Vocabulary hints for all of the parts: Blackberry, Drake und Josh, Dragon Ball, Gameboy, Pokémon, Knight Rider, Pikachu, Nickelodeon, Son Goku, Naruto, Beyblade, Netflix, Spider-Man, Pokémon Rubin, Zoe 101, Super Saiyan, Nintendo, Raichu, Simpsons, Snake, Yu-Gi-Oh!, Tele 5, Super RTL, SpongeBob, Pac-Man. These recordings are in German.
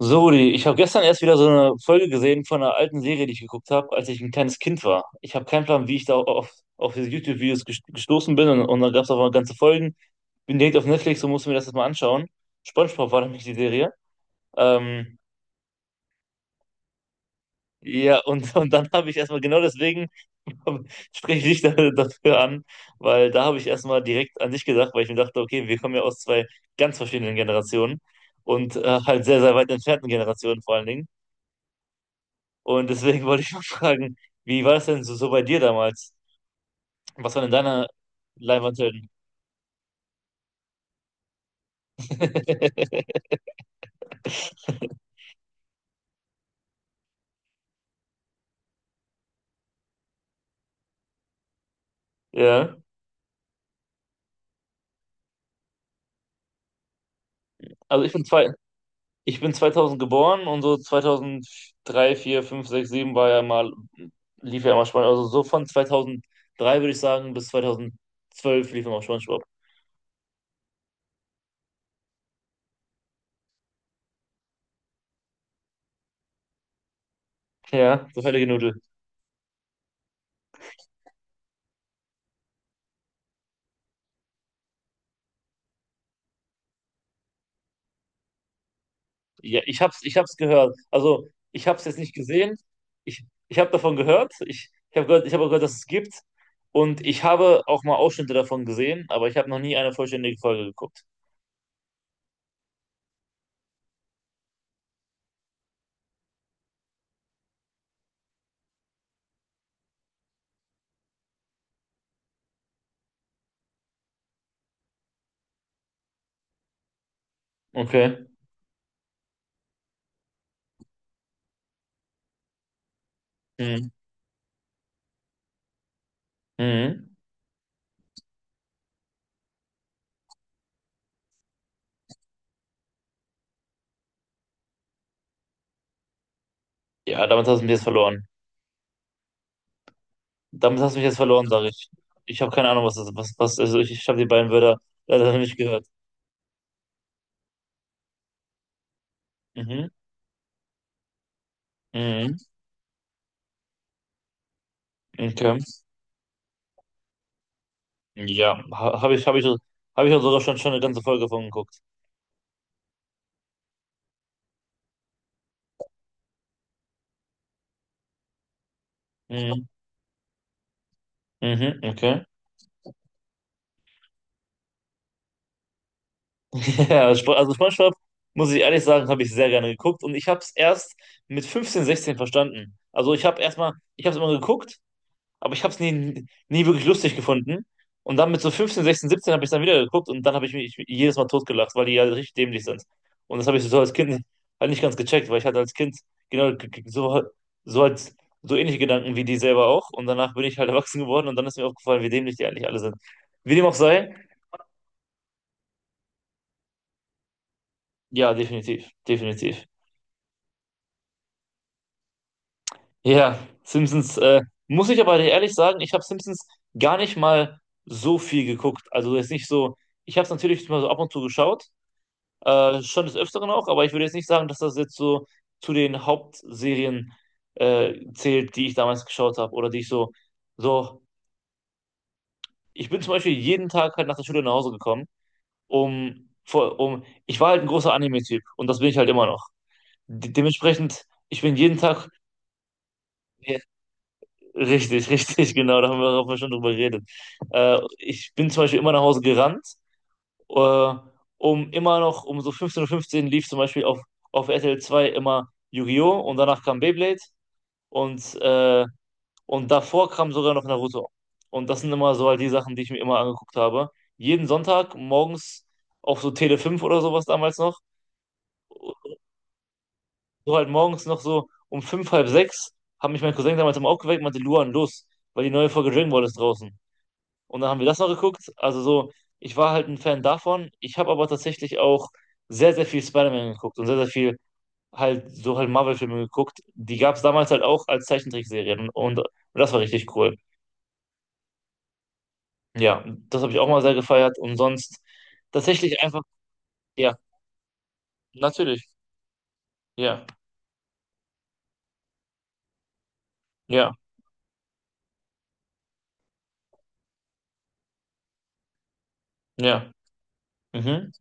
So, Rudi, ich habe gestern erst wieder so eine Folge gesehen von einer alten Serie, die ich geguckt habe, als ich ein kleines Kind war. Ich habe keinen Plan, wie ich da auf diese YouTube-Videos gestoßen bin und da gab es auch mal ganze Folgen. Bin direkt auf Netflix und musste mir das jetzt mal anschauen. SpongeBob war nämlich die Serie. Ähm, ja, und und dann habe ich erstmal genau deswegen spreche ich dich dafür an, weil da habe ich erstmal direkt an dich gedacht, weil ich mir dachte, okay, wir kommen ja aus zwei ganz verschiedenen Generationen und halt sehr, sehr weit entfernten Generationen vor allen Dingen. Und deswegen wollte ich mal fragen, wie war es denn so, so bei dir damals? Was waren denn deine Leinwandhelden? Ja, also ich bin 2000 geboren und so 2003, 4, 5, 6, 7 lief ja immer SpongeBob. Also so von 2003 würde ich sagen bis 2012 lief immer SpongeBob. Ja, so fertige Nudel. Ja, ich hab's gehört. Also, ich hab's jetzt nicht gesehen. Ich habe davon gehört. Ich habe auch gehört, dass es gibt. Und ich habe auch mal Ausschnitte davon gesehen, aber ich habe noch nie eine vollständige Folge geguckt. Okay. Mhm. Mhm. Ja, damit hast du mich jetzt verloren. Damit hast du mich jetzt verloren, sage ich. Ich habe keine Ahnung, was das ist. Also ich habe die beiden Wörter leider nicht gehört. Mhm. Mhm. Okay. Ja, habe ich auch sogar schon eine ganze Folge davon geguckt. Mhm. Mhm. Okay. Ja, also SpongeBob, muss ich ehrlich sagen, habe ich sehr gerne geguckt und ich habe es erst mit 15, 16 verstanden. Also ich habe es immer geguckt, aber ich habe es nie wirklich lustig gefunden. Und dann mit so 15, 16, 17 habe ich es dann wieder geguckt und dann habe ich mich jedes Mal totgelacht, weil die ja richtig dämlich sind. Und das habe ich so als Kind halt nicht ganz gecheckt, weil ich hatte als Kind genau g- g- so, so als so ähnliche Gedanken wie die selber auch. Und danach bin ich halt erwachsen geworden und dann ist mir aufgefallen, wie dämlich die eigentlich alle sind. Wie dem auch sei, ja, definitiv, definitiv. Ja, Simpsons, muss ich aber ehrlich sagen, ich habe Simpsons gar nicht mal so viel geguckt. Also jetzt nicht so, ich habe es natürlich mal so ab und zu geschaut, schon des Öfteren auch, aber ich würde jetzt nicht sagen, dass das jetzt so zu den Hauptserien zählt, die ich damals geschaut habe oder die ich so, ich bin zum Beispiel jeden Tag halt nach der Schule nach Hause gekommen, ich war halt ein großer Anime-Typ und das bin ich halt immer noch. De dementsprechend, ich bin jeden Tag richtig, richtig, genau, da haben wir schon drüber geredet. Ich bin zum Beispiel immer nach Hause gerannt, äh, um so 15:15 Uhr fünfzehn lief zum Beispiel auf RTL 2 immer Yu-Gi-Oh! Und danach kam Beyblade und, äh, und davor kam sogar noch Naruto. Und das sind immer so halt die Sachen, die ich mir immer angeguckt habe. Jeden Sonntag morgens auf so Tele 5 oder sowas damals noch, so halt morgens noch so um fünf, halb sechs, haben mich mein Cousin damals immer aufgeweckt und meinte, Luan, los, weil die neue Folge Dragon Ball ist draußen. Und dann haben wir das noch geguckt. Also so, ich war halt ein Fan davon. Ich habe aber tatsächlich auch sehr, sehr viel Spider-Man geguckt und sehr, sehr viel halt so halt Marvel-Filme geguckt. Die gab es damals halt auch als Zeichentrickserien und das war richtig cool. Ja, das habe ich auch mal sehr gefeiert und sonst tatsächlich einfach, ja, natürlich. Ja, ja, ja. Mhm,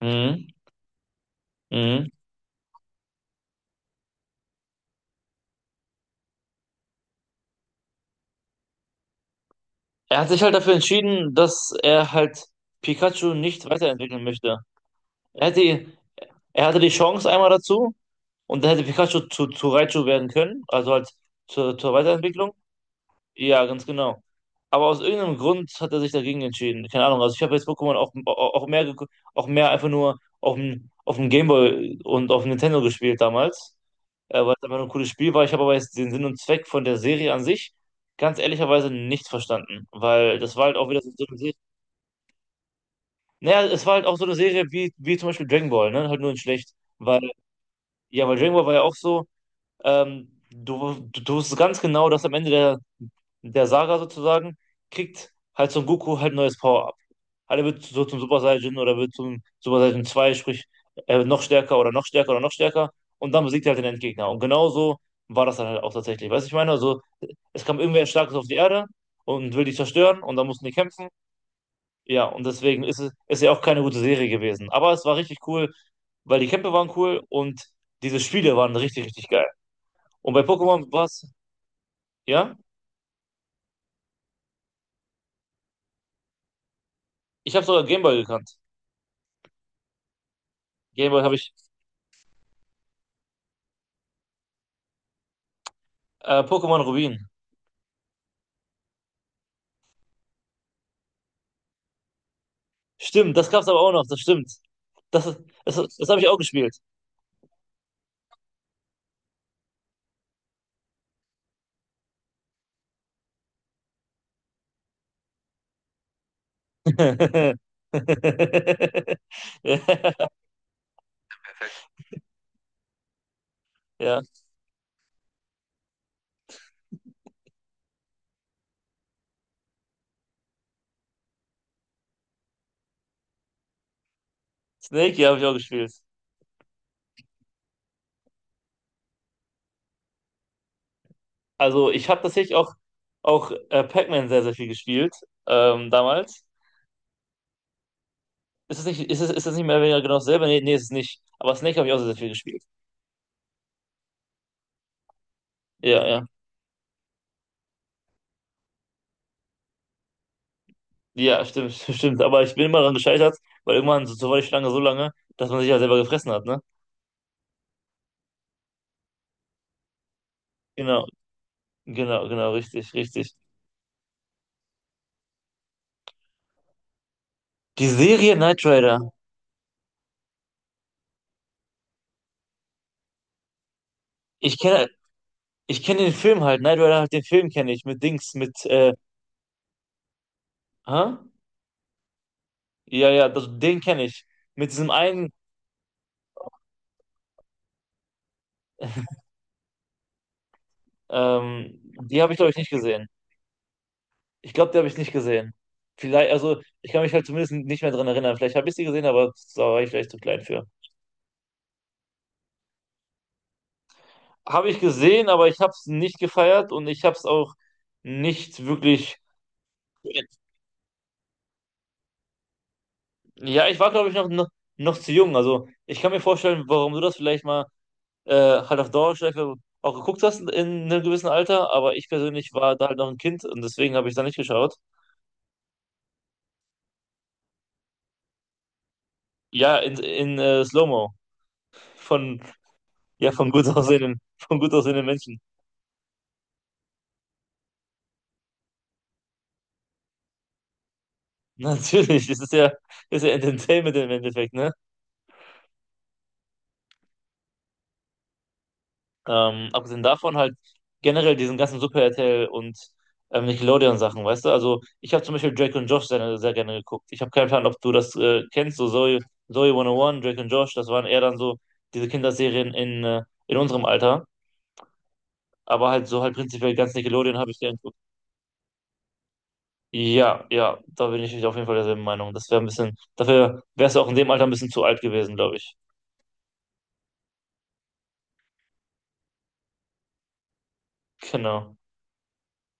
mhm, mhm. Er hat sich halt dafür entschieden, dass er halt Pikachu nicht weiterentwickeln möchte. Er hätte, er hatte die Chance einmal dazu. Und dann hätte Pikachu zu Raichu werden können, also halt zur Weiterentwicklung. Ja, ganz genau. Aber aus irgendeinem Grund hat er sich dagegen entschieden. Keine Ahnung. Also ich habe jetzt Pokémon auch mehr auch mehr einfach nur auf auf dem Gameboy und auf dem Nintendo gespielt damals, weil es einfach nur ein cooles Spiel war. Ich habe aber jetzt den Sinn und Zweck von der Serie an sich ganz ehrlicherweise nicht verstanden, weil das war halt auch wieder so eine Serie. Naja, es war halt auch so eine Serie wie zum Beispiel Dragon Ball, ne? Halt nur in schlecht. Weil, ja, weil Dragon Ball war ja auch so. Du wusstest ganz genau, dass am Ende der Saga sozusagen kriegt halt Son Goku halt ein neues Power-Up. Halt, er wird so zum Super Saiyan oder wird zum Super Saiyan 2, sprich, er wird noch stärker oder noch stärker oder noch stärker und dann besiegt er halt den Endgegner. Und genauso war das dann halt auch tatsächlich. Weißt du, ich meine, also es kam irgendwer Starkes auf die Erde und will die zerstören und dann mussten die kämpfen. Ja, und deswegen ist ja auch keine gute Serie gewesen. Aber es war richtig cool, weil die Kämpfe waren cool und diese Spiele waren richtig, richtig geil. Und bei Pokémon war es, ja? Ich habe sogar Gameboy gekannt. Gameboy habe ich. Pokémon Rubin. Stimmt, das gab's aber auch noch, das stimmt. Das, ist- das, das habe ich auch gespielt. Ja, Snake, ja, habe ich auch gespielt. Also ich habe tatsächlich auch Pac-Man sehr, sehr viel gespielt damals. Ist es nicht mehr oder weniger genau dasselbe? Nee, nee, ist es nicht. Aber Snake habe ich auch sehr, sehr viel gespielt. Ja, ja. Ja, stimmt, stimmt. Aber ich bin immer daran gescheitert, weil irgendwann so war die Schlange so lange, dass man sich ja selber gefressen hat, ne? Genau. Genau, genau, richtig, richtig. Die Serie Knight Rider. Ich kenne ich kenne den Film halt. Knight Rider halt den Film kenne ich mit Dings, mit hä? Ja, ja, das, den kenne ich. Mit diesem einen, die habe ich glaube ich nicht gesehen. Ich glaube, die habe ich nicht gesehen. Vielleicht, also ich kann mich halt zumindest nicht mehr dran erinnern. Vielleicht habe ich sie gesehen, aber da war ich vielleicht zu klein für. Habe ich gesehen, aber ich habe es nicht gefeiert und ich habe es auch nicht wirklich. Ja, ich war glaube ich noch zu jung. Also ich kann mir vorstellen, warum du das vielleicht mal äh, halt auf Dauerschleife auch geguckt hast in einem gewissen Alter, aber ich persönlich war da halt noch ein Kind und deswegen habe ich da nicht geschaut. Ja, in, Slow-Mo von, ja, von gut von gut aussehenden Menschen. Natürlich, ist ja Entertainment im Endeffekt, ne? Abgesehen davon halt generell diesen ganzen Super RTL und Nickelodeon-Sachen, weißt du? Also ich habe zum Beispiel Drake und Josh sehr, sehr gerne geguckt. Ich habe keinen Plan, ob du das kennst, so Zoe 101, Drake und Josh, das waren eher dann so diese Kinderserien in unserem Alter. Aber halt so halt prinzipiell ganz Nickelodeon habe ich gerne geguckt. Ja, ja, da bin ich auf jeden Fall derselben Meinung. Das wäre ein bisschen, dafür wärst du auch in dem Alter ein bisschen zu alt gewesen, glaube ich. Genau.